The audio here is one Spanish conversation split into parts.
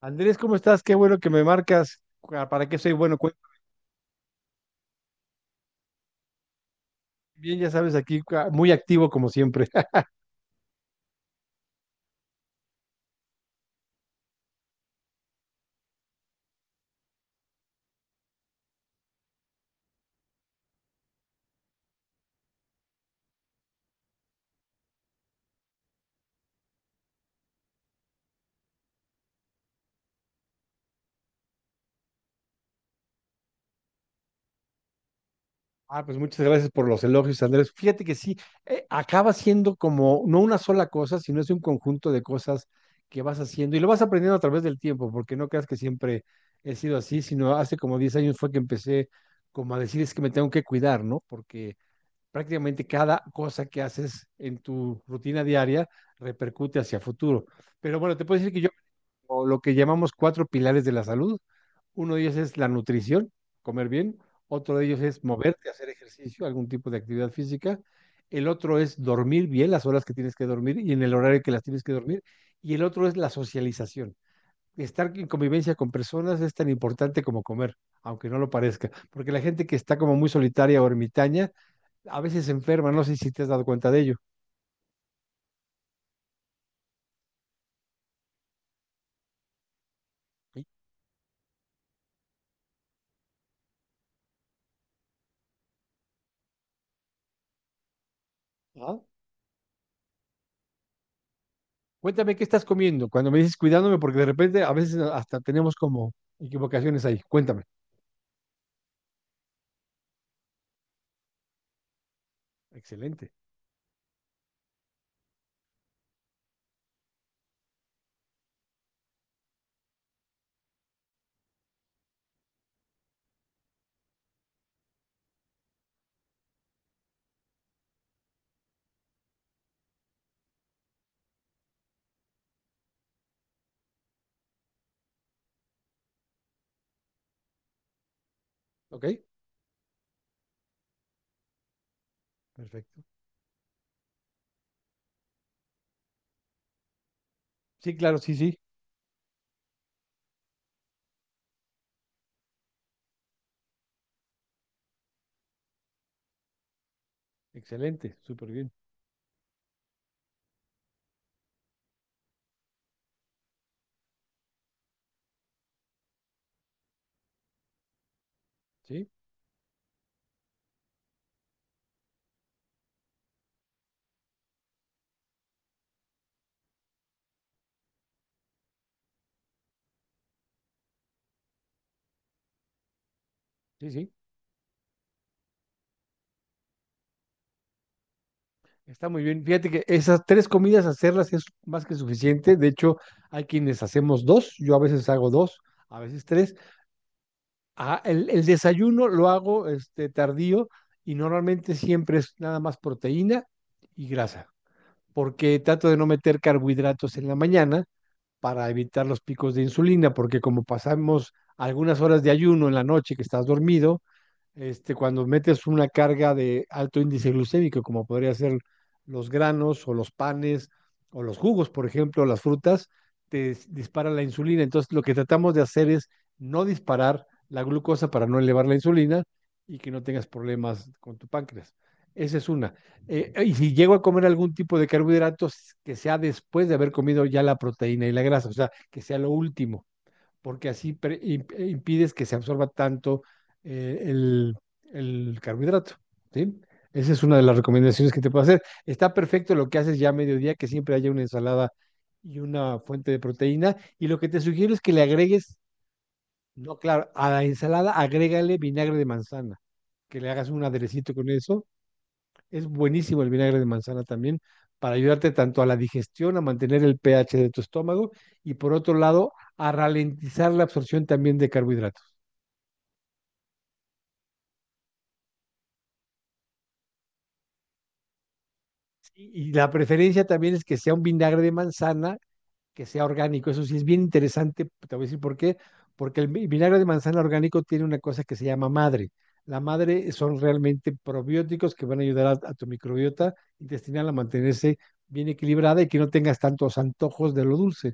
Andrés, ¿cómo estás? Qué bueno que me marcas. Ah, ¿para qué soy bueno? Bien, ya sabes, aquí muy activo como siempre. Ah, pues muchas gracias por los elogios, Andrés. Fíjate que sí, acaba siendo como no una sola cosa, sino es un conjunto de cosas que vas haciendo y lo vas aprendiendo a través del tiempo, porque no creas que siempre he sido así, sino hace como 10 años fue que empecé como a decir es que me tengo que cuidar, ¿no? Porque prácticamente cada cosa que haces en tu rutina diaria repercute hacia futuro. Pero bueno, te puedo decir que yo o lo que llamamos cuatro pilares de la salud. Uno de ellos es la nutrición, comer bien. Otro de ellos es moverte, hacer ejercicio, algún tipo de actividad física. El otro es dormir bien las horas que tienes que dormir y en el horario que las tienes que dormir. Y el otro es la socialización. Estar en convivencia con personas es tan importante como comer, aunque no lo parezca, porque la gente que está como muy solitaria o ermitaña a veces se enferma, no sé si te has dado cuenta de ello. ¿Sí? ¿Ah? Cuéntame qué estás comiendo cuando me dices cuidándome, porque de repente a veces hasta tenemos como equivocaciones ahí. Cuéntame. Excelente. ¿Ok? Perfecto. Sí, claro, sí, sí. Excelente. Súper bien. Sí, sí, sí. Está muy bien. Fíjate que esas tres comidas hacerlas es más que suficiente. De hecho, hay quienes hacemos dos. Yo a veces hago dos, a veces tres. Ah, el desayuno lo hago este, tardío y normalmente siempre es nada más proteína y grasa, porque trato de no meter carbohidratos en la mañana para evitar los picos de insulina, porque como pasamos algunas horas de ayuno en la noche que estás dormido, este, cuando metes una carga de alto índice glucémico, como podría ser los granos o los panes o los jugos, por ejemplo, las frutas, te dispara la insulina. Entonces, lo que tratamos de hacer es no disparar la glucosa para no elevar la insulina y que no tengas problemas con tu páncreas. Esa es una. Y si llego a comer algún tipo de carbohidratos, que sea después de haber comido ya la proteína y la grasa, o sea, que sea lo último, porque así impides que se absorba tanto eh, el, el carbohidrato, ¿sí? Esa es una de las recomendaciones que te puedo hacer. Está perfecto lo que haces ya a mediodía, que siempre haya una ensalada y una fuente de proteína. Y lo que te sugiero es que le agregues, no, claro, a la ensalada agrégale vinagre de manzana, que le hagas un aderecito con eso es buenísimo el vinagre de manzana también para ayudarte tanto a la digestión, a mantener el pH de tu estómago y por otro lado, a ralentizar la absorción también de carbohidratos. Y la preferencia también es que sea un vinagre de manzana, que sea orgánico. Eso sí es bien interesante, te voy a decir por qué, porque el vinagre de manzana orgánico tiene una cosa que se llama madre. La madre son realmente probióticos que van a ayudar a tu microbiota intestinal a mantenerse bien equilibrada y que no tengas tantos antojos de lo dulce.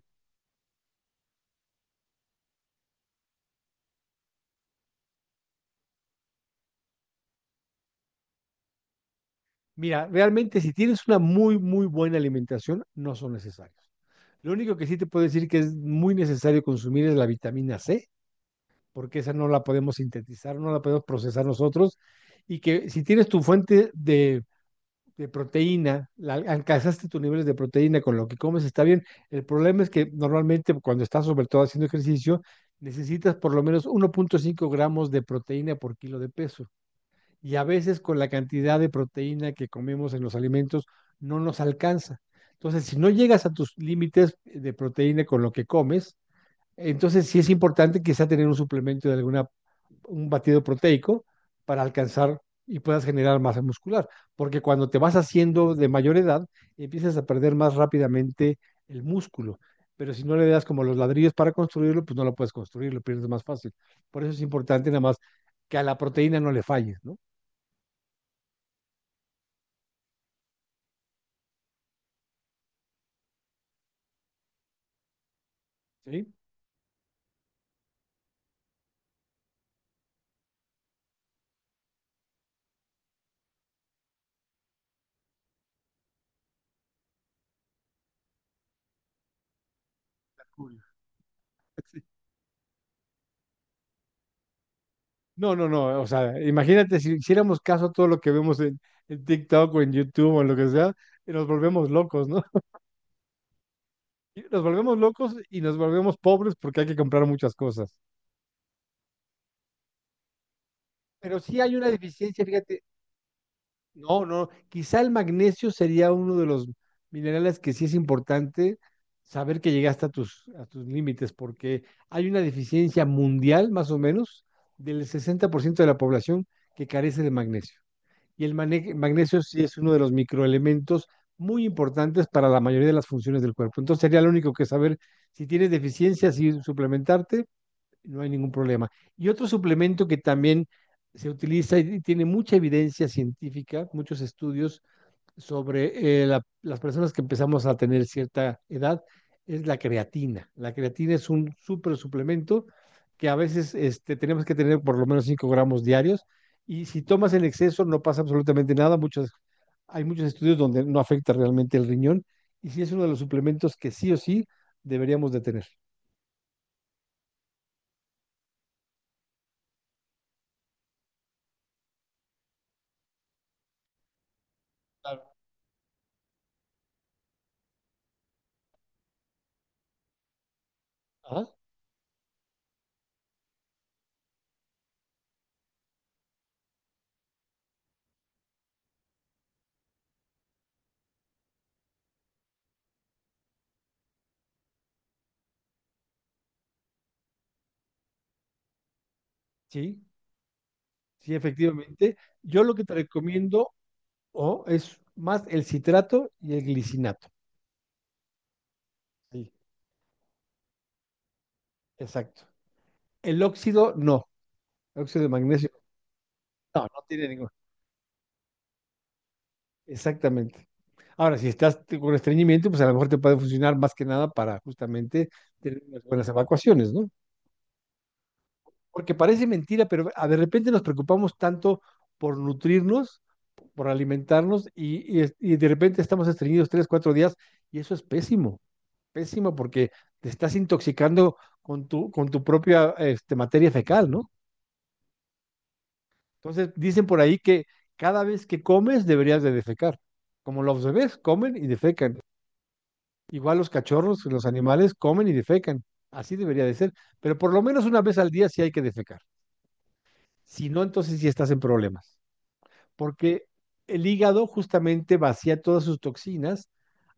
Mira, realmente si tienes una muy, muy buena alimentación, no son necesarios. Lo único que sí te puedo decir que es muy necesario consumir es la vitamina C, porque esa no la podemos sintetizar, no la podemos procesar nosotros, y que si tienes tu fuente de proteína, la, alcanzaste tus niveles de proteína con lo que comes, está bien. El problema es que normalmente cuando estás sobre todo haciendo ejercicio, necesitas por lo menos 1,5 gramos de proteína por kilo de peso y a veces con la cantidad de proteína que comemos en los alimentos no nos alcanza. Entonces, si no llegas a tus límites de proteína con lo que comes, entonces sí es importante quizá tener un suplemento de alguna, un batido proteico para alcanzar y puedas generar masa muscular, porque cuando te vas haciendo de mayor edad, empiezas a perder más rápidamente el músculo, pero si no le das como los ladrillos para construirlo, pues no lo puedes construir, lo pierdes más fácil. Por eso es importante nada más que a la proteína no le falles, ¿no? ¿Sí? Julio. Sí. No, no, no, o sea, imagínate si hiciéramos caso a todo lo que vemos en TikTok o en YouTube o en lo que sea, y nos volvemos locos, ¿no? Y nos volvemos locos y nos volvemos pobres porque hay que comprar muchas cosas. Pero sí hay una deficiencia, fíjate, no, no, quizá el magnesio sería uno de los minerales que sí es importante saber que llegaste a tus límites, porque hay una deficiencia mundial, más o menos, del 60% de la población que carece de magnesio. Y el magnesio sí es uno de los microelementos muy importantes para la mayoría de las funciones del cuerpo. Entonces sería lo único que saber si tienes deficiencia, si suplementarte, no hay ningún problema. Y otro suplemento que también se utiliza y tiene mucha evidencia científica, muchos estudios, sobre las personas que empezamos a tener cierta edad es la creatina. La creatina es un súper suplemento que a veces este, tenemos que tener por lo menos 5 gramos diarios y si tomas en exceso no pasa absolutamente nada. Muchos, hay muchos estudios donde no afecta realmente el riñón y sí es uno de los suplementos que sí o sí deberíamos de tener. Claro. Ajá, sí, sí, efectivamente. Yo lo que te recomiendo oh, es más el citrato y el glicinato. Sí, exacto. El óxido no, el óxido de magnesio, no, no tiene ningún. Exactamente. Ahora, si estás con estreñimiento, pues a lo mejor te puede funcionar más que nada para justamente tener unas buenas evacuaciones, ¿no? Porque parece mentira, pero de repente nos preocupamos tanto por nutrirnos, por alimentarnos, y y de repente estamos estreñidos tres, cuatro días, y eso es pésimo, pésimo porque te estás intoxicando con tu propia este, materia fecal, ¿no? Entonces, dicen por ahí que cada vez que comes deberías de defecar. Como los bebés comen y defecan. Igual los cachorros, los animales comen y defecan. Así debería de ser. Pero por lo menos una vez al día sí hay que defecar. Si no, entonces sí estás en problemas porque el hígado justamente vacía todas sus toxinas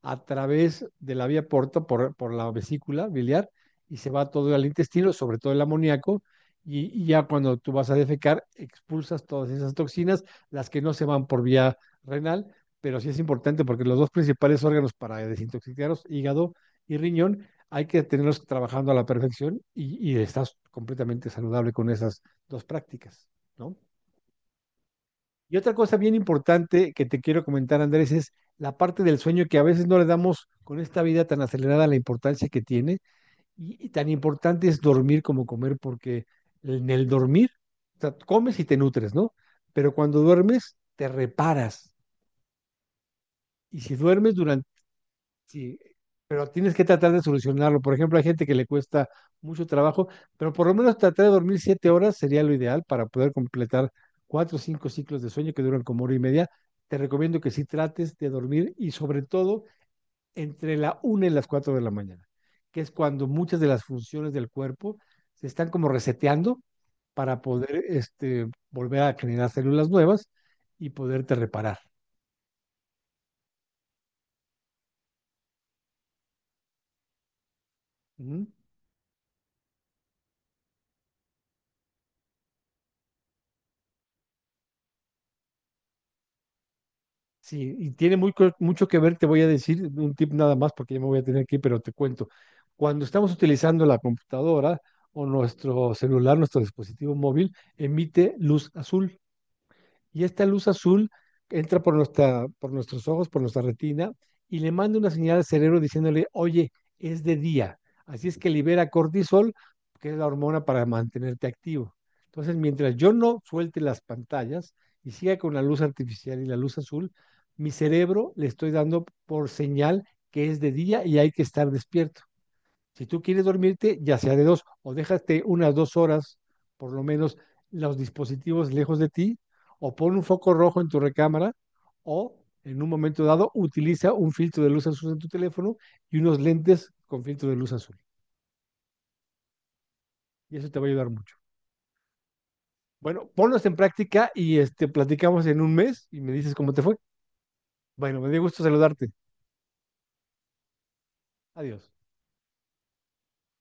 a través de la vía porta por la vesícula biliar y se va todo al intestino, sobre todo el amoníaco, ya cuando tú vas a defecar expulsas todas esas toxinas, las que no se van por vía renal, pero sí es importante porque los dos principales órganos para desintoxicarlos, hígado y riñón, hay que tenerlos trabajando a la perfección y estás completamente saludable con esas dos prácticas, ¿no? Y otra cosa bien importante que te quiero comentar, Andrés, es la parte del sueño que a veces no le damos con esta vida tan acelerada la importancia que tiene. Y tan importante es dormir como comer, porque en el dormir, o sea, comes y te nutres, ¿no? Pero cuando duermes, te reparas. Y si duermes durante sí, pero tienes que tratar de solucionarlo. Por ejemplo, hay gente que le cuesta mucho trabajo, pero por lo menos tratar de dormir 7 horas sería lo ideal para poder completar cuatro o cinco ciclos de sueño que duran como hora y media. Te recomiendo que sí trates de dormir y sobre todo entre la una y las cuatro de la mañana, que es cuando muchas de las funciones del cuerpo se están como reseteando para poder este, volver a generar células nuevas y poderte reparar. ¿Mm? Sí, y tiene muy mucho que ver, te voy a decir un tip nada más porque ya me voy a tener que ir, pero te cuento. Cuando estamos utilizando la computadora o nuestro celular, nuestro dispositivo móvil, emite luz azul y esta luz azul entra por, nuestra, por nuestros ojos, por nuestra retina, y le manda una señal al cerebro diciéndole, oye, es de día. Así es que libera cortisol, que es la hormona para mantenerte activo. Entonces, mientras yo no suelte las pantallas y siga con la luz artificial y la luz azul, mi cerebro le estoy dando por señal que es de día y hay que estar despierto. Si tú quieres dormirte, ya sea de dos, o déjate unas 2 horas, por lo menos, los dispositivos lejos de ti, o pon un foco rojo en tu recámara, o en un momento dado utiliza un filtro de luz azul en tu teléfono y unos lentes con filtro de luz azul. Y eso te va a ayudar mucho. Bueno, ponlos en práctica y este, platicamos en un mes y me dices cómo te fue. Bueno, me dio gusto saludarte. Adiós.